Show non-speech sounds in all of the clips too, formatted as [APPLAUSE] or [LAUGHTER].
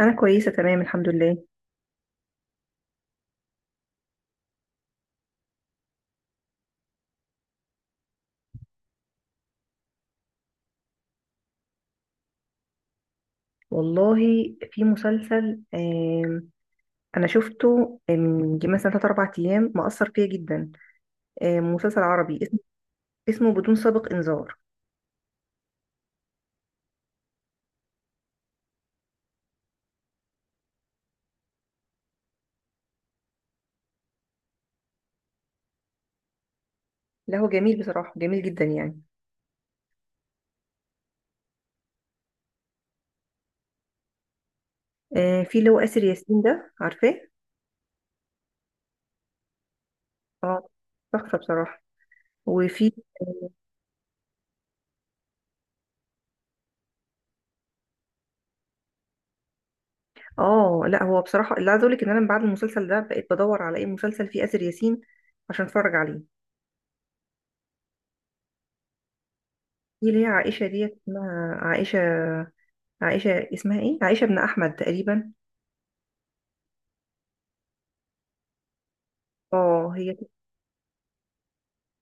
انا كويسه تمام، الحمد لله. والله، في مسلسل انا شفته من يجي مثلا 3 4 ايام، مأثر فيا جدا. مسلسل عربي اسمه. اسمه بدون سابق انذار. لا، هو جميل بصراحه، جميل جدا يعني. في اللي هو آسر ياسين ده، عارفاه. اه. تحفه بصراحه. وفي اه، لا هو بصراحه اللي عايزه اقول لك ان انا من بعد المسلسل ده بقيت بدور على اي مسلسل فيه آسر ياسين عشان اتفرج عليه. في اللي هي عائشه ديت، اسمها عائشه. اسمها ايه، عائشه بن احمد تقريبا. اه، هي.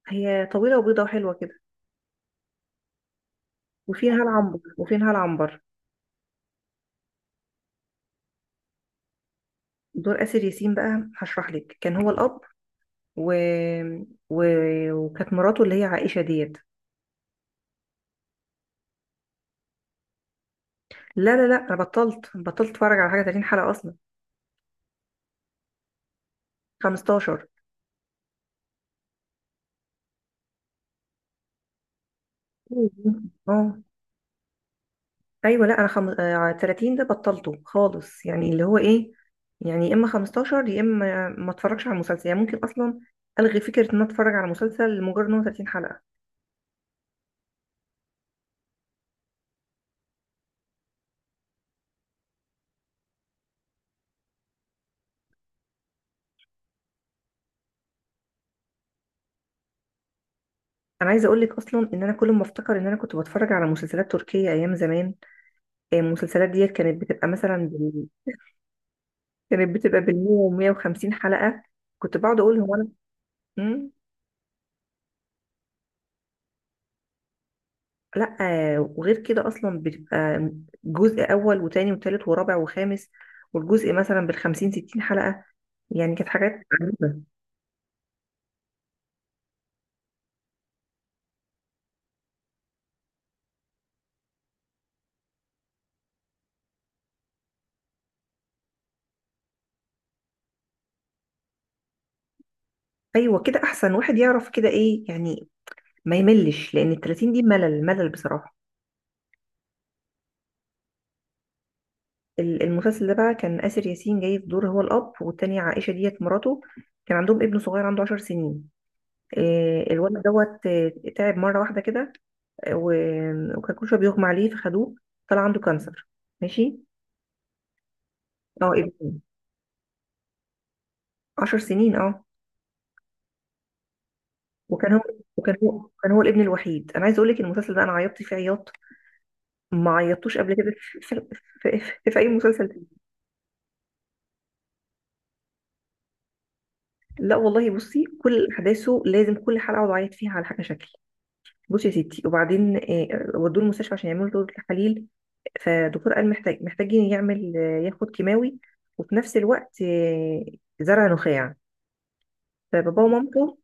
هي طويلة وبيضة وحلوة كده. وفيها العنبر. دور آسر ياسين بقى، هشرح لك، كان هو الأب، و... و... وكانت مراته اللي هي عائشة ديت. لا لا لا، أنا بطلت أتفرج على حاجة 30 حلقة أصلا. 15. [LAUGHS] اه، أيوة. لا، أنا خم... آه، 30 ده بطلته خالص، يعني اللي هو إيه، يعني يا إما 15 يا إما ما أتفرجش على المسلسل، يعني ممكن أصلا ألغي فكرة إن أنا أتفرج على مسلسل لمجرد إن هو 30 حلقة. انا عايزه اقول لك اصلا ان انا كل ما افتكر ان انا كنت بتفرج على مسلسلات تركيه ايام زمان. المسلسلات ديت كانت بتبقى بال100 و150 حلقه. كنت بقعد اقول هو انا. مم؟ لا. وغير كده اصلا بتبقى جزء اول وتاني وتالت ورابع وخامس، والجزء مثلا بالخمسين ستين حلقه. يعني كانت حاجات عجيبه. ايوه، كده احسن، واحد يعرف كده ايه يعني، ما يملش، لان التلاتين دي ملل ملل بصراحه. المسلسل ده بقى كان آسر ياسين جاي في دور هو الأب، والتانية عائشة ديت مراته. كان عندهم ابن صغير، عنده 10 سنين. الولد دوت تعب مرة واحدة كده. وكان كل شوية بيغمى عليه، فخدوه طلع عنده كانسر. ماشي. اه، ابن. عشر سنين، اه. وكان هو الابن الوحيد. انا عايزه اقول لك المسلسل ده انا عيطت فيه عياط ما عيطتوش قبل كده في اي مسلسل تاني. لا والله، بصي كل احداثه، لازم كل حلقه اقعد اعيط فيها على حاجه شكل. بصي يا ستي، وبعدين ودوه المستشفى عشان يعملوا له تحاليل. فالدكتور قال محتاجين يعمل ياخد كيماوي، وفي نفس الوقت زرع نخاع. فبابا ومامته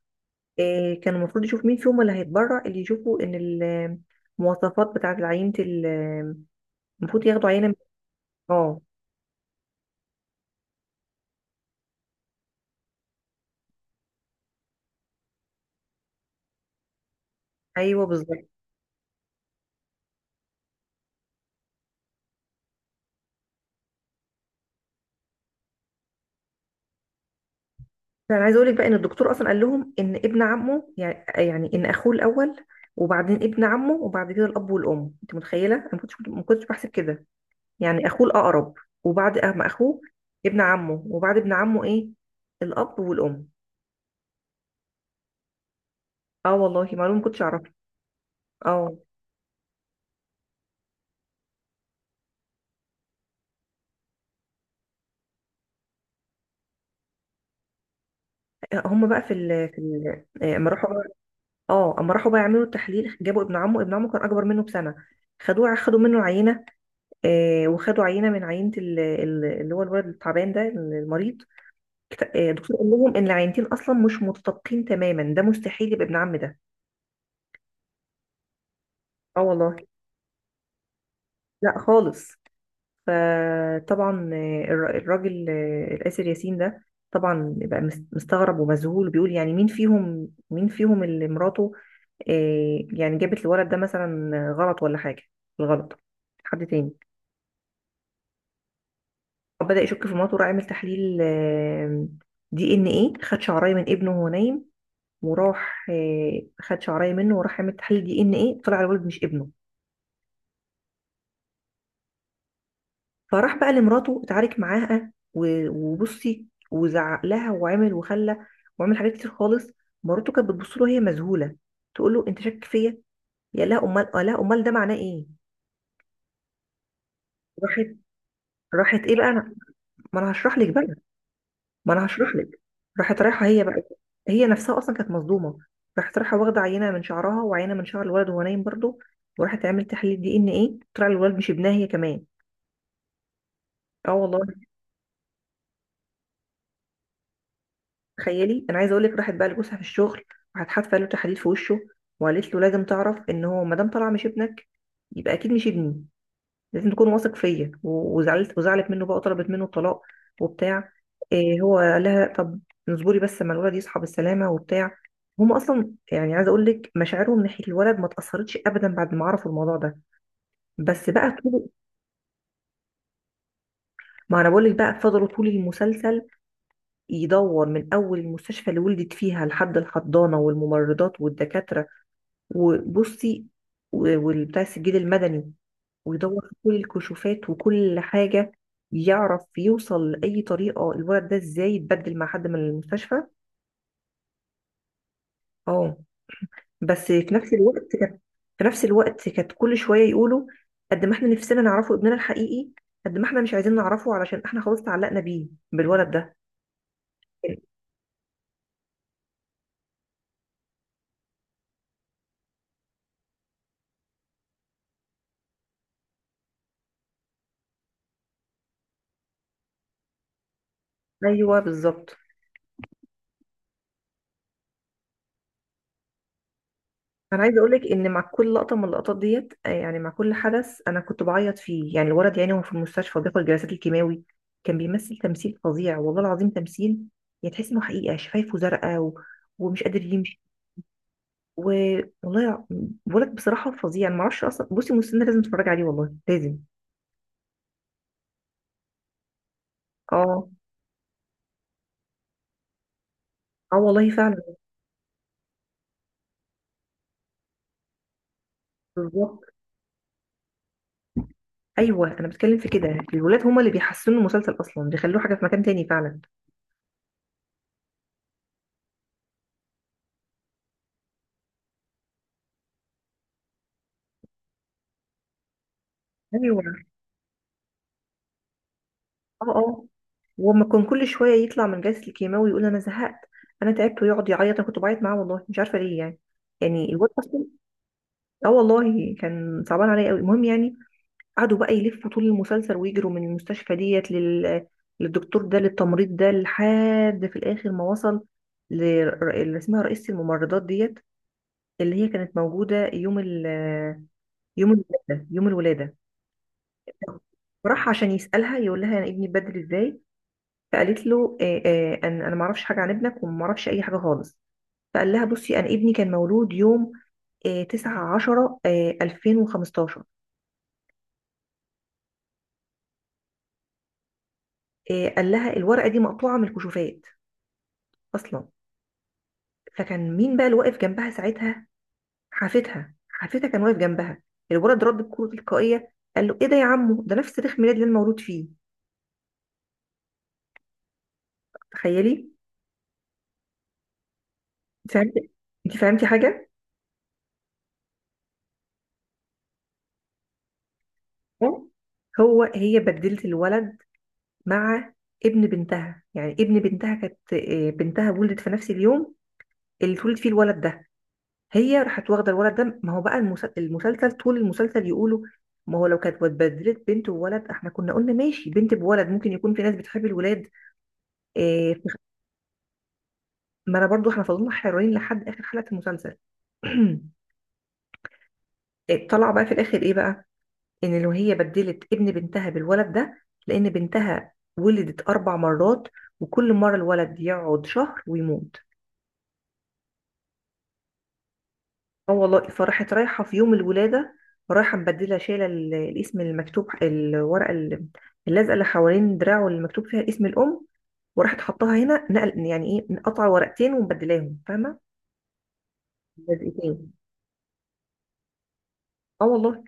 كانوا المفروض يشوفوا مين فيهم اللي هيتبرع، اللي يشوفوا ان المواصفات بتاعة العينة المفروض ياخدوا عينة اه. ايوه، بالظبط. فانا عايزه اقول لك بقى ان الدكتور اصلا قال لهم ان ابن عمه، يعني ان اخوه الاول، وبعدين ابن عمه، وبعد كده الاب والام. انت متخيله، انا ما كنتش بحسب كده، يعني اخوه الاقرب، وبعد أم اخوه ابن عمه، وبعد ابن عمه ايه، الاب والام. اه والله، معلومه ما كنتش اعرفها. اه. هم بقى في ال في ال آه، اما اه، اما راحوا بقى يعملوا التحليل، جابوا ابن عمه كان اكبر منه بسنه. خدوا منه عينه، آه، وخدوا عينه من عينه اللي هو الولد التعبان ده، المريض. الدكتور قال لهم ان العينتين اصلا مش متطابقين تماما، ده مستحيل يبقى ابن عم ده. اه والله. لا خالص. فطبعا الراجل الآسر ياسين ده طبعا بقى مستغرب ومذهول، بيقول يعني مين فيهم اللي مراته يعني جابت الولد ده مثلا غلط، ولا حاجة الغلط، حد تاني. بدأ يشك في مراته، راح عمل تحليل دي ان ايه، خد شعرايه من ابنه وهو نايم، وراح خد شعرايه منه وراح عمل تحليل دي ان ايه، طلع الولد مش ابنه. فراح بقى لمراته، اتعارك معاها وبصي، وزعق لها وعمل وخلى وعمل حاجات كتير خالص. مراته كانت بتبص له وهي مذهوله، تقول له انت شاك فيا؟ يا لا امال، ده معناه ايه؟ راحت، راحت ايه بقى انا. ما انا هشرح لك بقى. ما انا هشرح لك. راحت رايحه هي بقى. هي نفسها اصلا كانت مصدومه. راحت رايحه واخده عينه من شعرها وعينه من شعر الولد وهو نايم برضه، وراحت عملت تحليل دي ان ايه، طلع الولد مش ابنها هي كمان. اه والله. تخيلي، انا عايزه اقول لك راحت بقى لجوزها في الشغل. راحت حادفه له تحديد في وشه، وقالت له لازم تعرف ان هو ما دام طلع مش ابنك، يبقى اكيد مش ابني، لازم تكون واثق فيا. وزعلت منه بقى، وطلبت منه الطلاق وبتاع. إيه، هو قال لها طب اصبري بس اما الولد يصحى بالسلامه وبتاع. هم اصلا يعني، عايزه اقول لك مشاعرهم ناحيه الولد ما اتاثرتش ابدا بعد ما عرفوا الموضوع ده. بس بقى طول ما انا بقول لك بقى، فضلوا طول المسلسل يدور من اول المستشفى اللي ولدت فيها، لحد الحضانه والممرضات والدكاتره، وبصي، والبتاع، السجل المدني، ويدور في كل الكشوفات وكل حاجة، يعرف يوصل لأي طريقة الولد ده ازاي يتبدل مع حد من المستشفى. اه. بس في نفس الوقت كانت في نفس الوقت كانت كل شوية يقولوا، قد ما احنا نفسنا نعرفه ابننا الحقيقي، قد ما احنا مش عايزين نعرفه، علشان احنا خلاص تعلقنا بيه، بالولد ده. ايوه بالظبط. انا عايزه اقولك ان مع كل لقطه من اللقطات ديت يعني مع كل حدث انا كنت بعيط فيه. يعني الولد، يعني هو في المستشفى بياخد جلسات الكيماوي، كان بيمثل تمثيل فظيع والله العظيم، تمثيل. يعني تحس انه حقيقه، شفايفه زرقاء، ومش قادر يمشي، و... والله يع- ولد بصراحه فظيع. انا ما اعرفش اصلا، بصي مستنى، لازم تتفرج عليه والله، لازم. اه، اه والله فعلا. بالظبط، ايوه انا بتكلم في كده. الولاد هما اللي بيحسنوا المسلسل اصلا، بيخلوه حاجه في مكان تاني فعلا. ايوه. اه، اه، وما كان كل شويه يطلع من جلسه الكيماوي يقول انا زهقت، انا تعبت، ويقعد يعيط. انا كنت بعيط معاه والله، مش عارفه ليه يعني، يعني الواد اصلا، اه والله كان صعبان عليا قوي. المهم يعني، قعدوا بقى يلفوا طول المسلسل ويجروا من المستشفى ديت للدكتور ده، للتمريض ده، لحد في الاخر ما وصل ل- اللي اسمها رئيسة الممرضات ديت، اللي هي كانت موجوده يوم الولاده. راح عشان يسألها، يقول لها انا ابني اتبدل ازاي؟ فقالت له أن أنا ما أعرفش حاجة عن ابنك، وما أعرفش أي حاجة خالص. فقال لها بصي، أنا ابني كان مولود يوم 9 10 2015. قال لها الورقة دي مقطوعة من الكشوفات أصلا. فكان مين بقى اللي واقف جنبها ساعتها؟ حافتها كان واقف جنبها الولد، رد بكرة تلقائية قال له إيه ده يا عمو؟ ده نفس تاريخ ميلاد اللي أنا مولود فيه. تخيلي. أنت فهمتي أنت فهمتي حاجة؟ آه. هي بدلت الولد مع ابن بنتها. يعني ابن بنتها كانت بنتها ولدت في نفس اليوم اللي اتولد فيه الولد ده. هي راحت واخده الولد ده. ما هو بقى المسلسل طول المسلسل يقولوا، ما هو لو كانت اتبدلت بنت وولد، احنا كنا قلنا ماشي، بنت بولد ممكن يكون في ناس بتحب الولاد. آه، في- ما انا برضو، احنا فضلنا حيرانين لحد اخر حلقه المسلسل. [CLEARS THROAT] طلع بقى في الاخر ايه بقى، ان لو هي بدلت ابن بنتها بالولد ده، لان بنتها ولدت 4 مرات، وكل مره الولد يقعد شهر ويموت. اه والله، فراحت رايحة في يوم الولادة، رايحة مبدلة، شايلة الاسم المكتوب الورقة اللازقة اللي حوالين دراعه، اللي مكتوب فيها اسم الأم، وراحت حطاها هنا نقل. يعني ايه، مقطعة ورقتين ومبدلاهم، فاهمة؟ لزقتين. اه والله.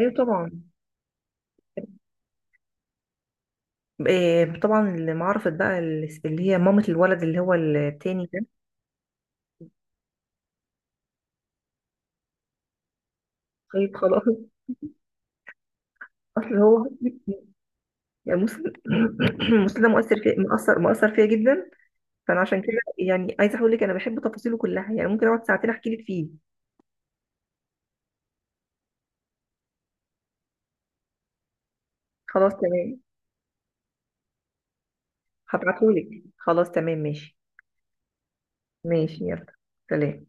ايوه طبعا. إيه طبعا، اللي ما عرفت بقى اللي هي مامة الولد اللي هو التاني ده. طيب خلاص. [LAUGHS] اصل هو يعني مسلم. [COUGHS] مسلم ده مؤثر في، مؤثر فيا جدا. فانا عشان كده يعني عايزه اقول لك انا بحب تفاصيله كلها، يعني ممكن اقعد ساعتين احكي لك فيه. خلاص تمام. هبعتهولك، خلاص تمام، ماشي. ماشي، يلا. سلام.